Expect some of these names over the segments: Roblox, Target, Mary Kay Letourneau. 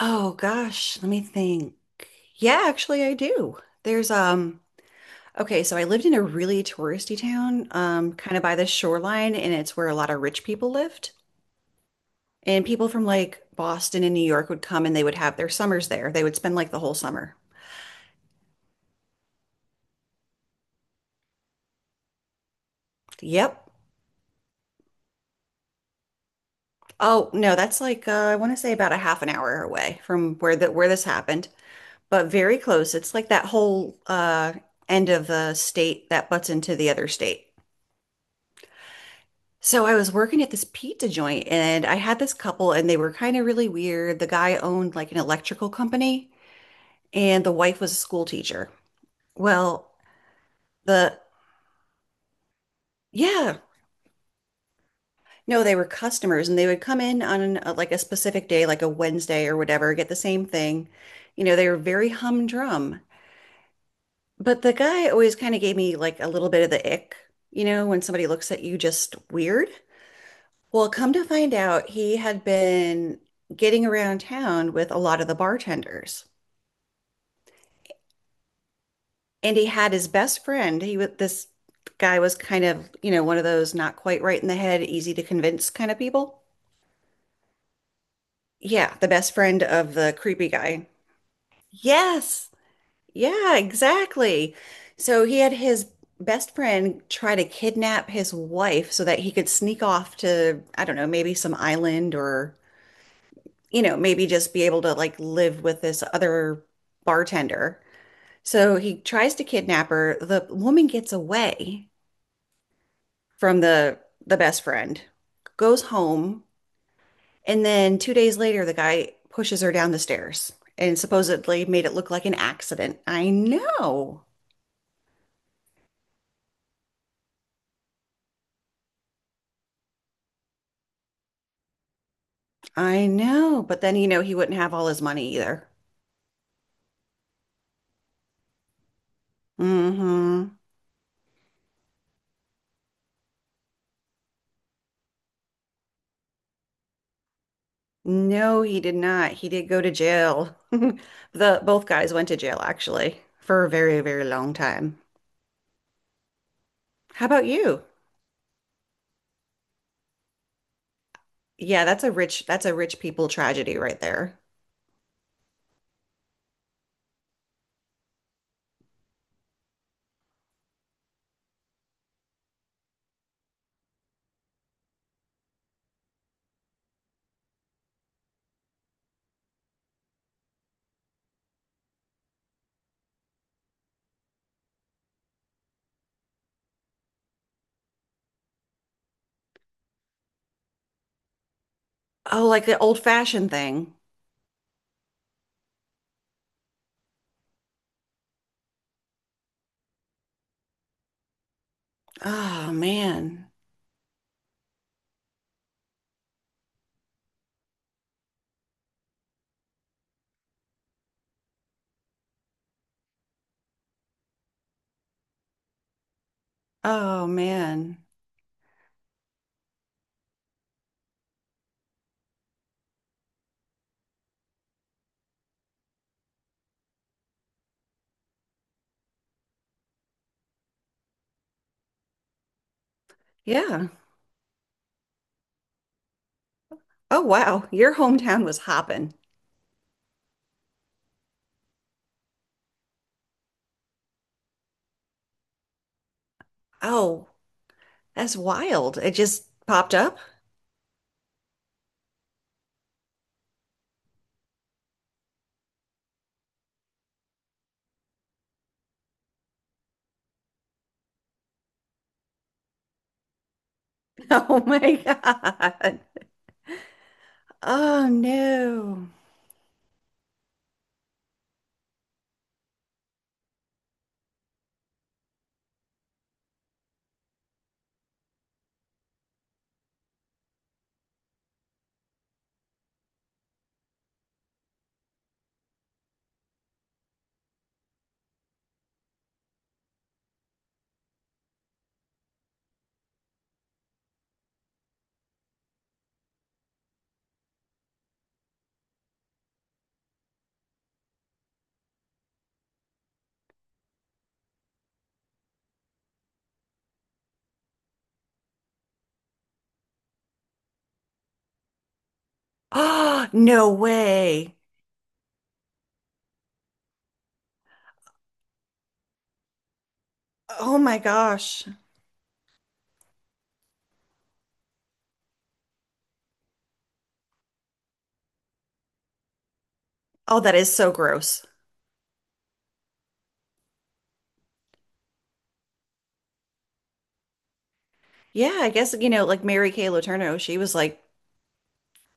Oh gosh, let me think. Yeah, actually I do. There's okay, so I lived in a really touristy town, kind of by the shoreline, and it's where a lot of rich people lived. And people from like Boston and New York would come and they would have their summers there. They would spend like the whole summer. Yep. Oh no, that's like I want to say about a half an hour away from where this happened, but very close. It's like that whole end of the state that butts into the other state. So I was working at this pizza joint and I had this couple and they were kind of really weird. The guy owned like an electrical company and the wife was a school teacher. Well, the yeah, no, they were customers and they would come in on like a specific day, like a Wednesday or whatever, get the same thing. You know, they were very humdrum. But the guy always kind of gave me like a little bit of the ick, you know, when somebody looks at you just weird. Well, come to find out, he had been getting around town with a lot of the bartenders. And he had his best friend. He was this guy was kind of, you know, one of those not quite right in the head, easy to convince kind of people. Yeah, the best friend of the creepy guy. Yes. Yeah, exactly. So he had his best friend try to kidnap his wife so that he could sneak off to, I don't know, maybe some island or you know, maybe just be able to like live with this other bartender. So he tries to kidnap her. The woman gets away from the best friend, goes home, and then 2 days later, the guy pushes her down the stairs and supposedly made it look like an accident. I know, but then you know he wouldn't have all his money either. Mm-hmm. No, he did not. He did go to jail. The both guys went to jail actually for a very, very long time. How about you? Yeah, that's a rich people tragedy right there. Oh, like the old-fashioned thing. Oh man. Oh man. Yeah. Oh wow. Your hometown was hopping. Oh, that's wild. It just popped up. Oh my God. Oh no. Oh, no way. Oh my gosh. Oh, that is so gross. Yeah, I guess, you know, like Mary Kay Letourneau, she was like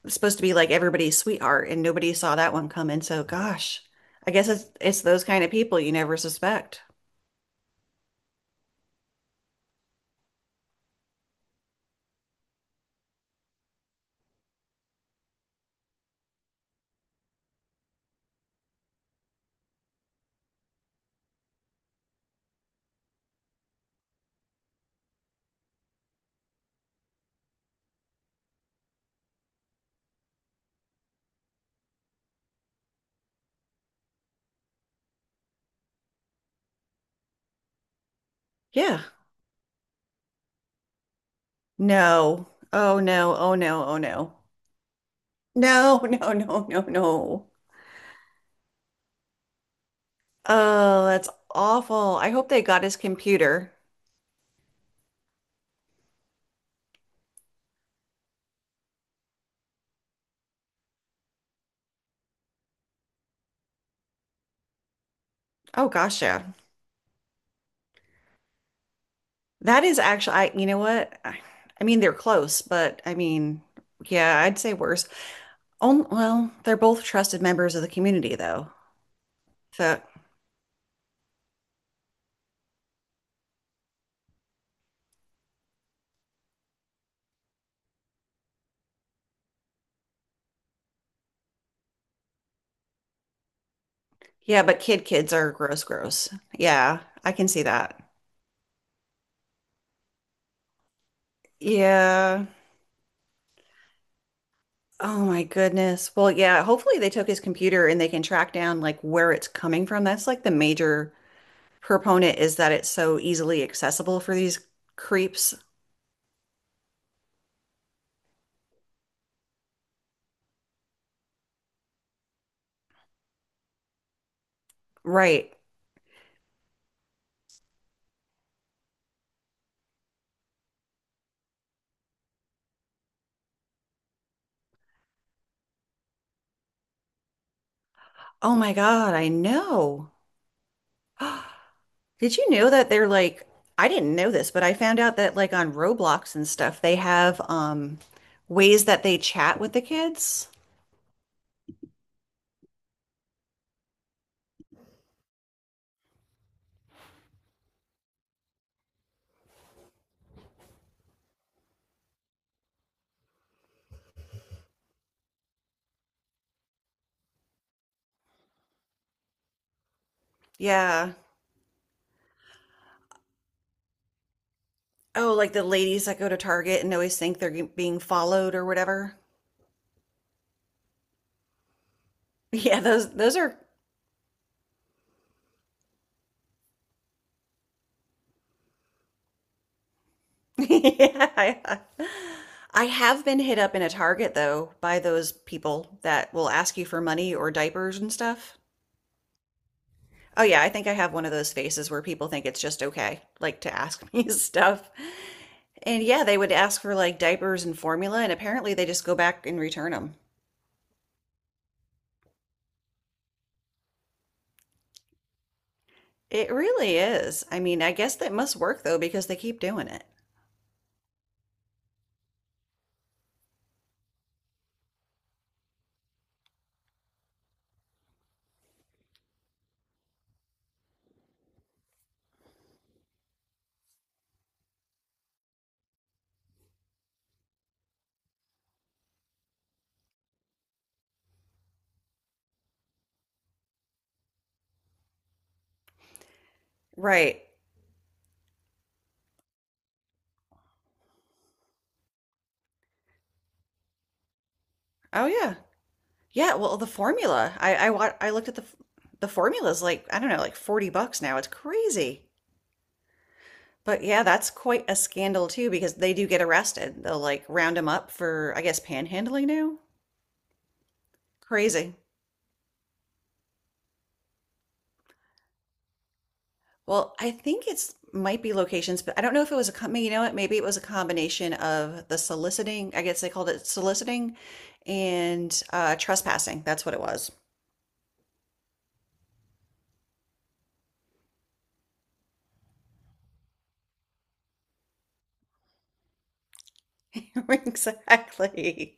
supposed to be like everybody's sweetheart, and nobody saw that one coming. So, gosh, I guess it's those kind of people you never suspect. Yeah. No. Oh no. Oh no. Oh no. No, no, no, no, no. Oh, that's awful. I hope they got his computer. Oh gosh, yeah. That is actually I you know what? I mean they're close, but I mean, yeah, I'd say worse. On, well, they're both trusted members of the community, though. So, yeah, but kids are gross, gross. Yeah, I can see that. Yeah. Oh my goodness. Well, yeah, hopefully they took his computer and they can track down like where it's coming from. That's like the major proponent is that it's so easily accessible for these creeps. Right. Oh my God, I know. Did you know that they're like, I didn't know this, but I found out that like on Roblox and stuff, they have ways that they chat with the kids. Yeah. Oh, like the ladies that go to Target and always think they're being followed or whatever. Yeah, those are Yeah. I have been hit up in a Target though by those people that will ask you for money or diapers and stuff. Oh yeah, I think I have one of those faces where people think it's just okay, like to ask me stuff. And yeah, they would ask for like diapers and formula, and apparently they just go back and return them. It really is. I mean, I guess that must work though because they keep doing it. Right. Oh yeah. Yeah, well, the formula. I looked at the formula's like, I don't know, like 40 bucks now. It's crazy. But yeah, that's quite a scandal too because they do get arrested. They'll like round them up for, I guess, panhandling now. Crazy. Well, I think it's might be locations, but I don't know if it was a com you know what, maybe it was a combination of the soliciting, I guess they called it soliciting and trespassing. That's what it was. Exactly.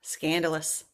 Scandalous.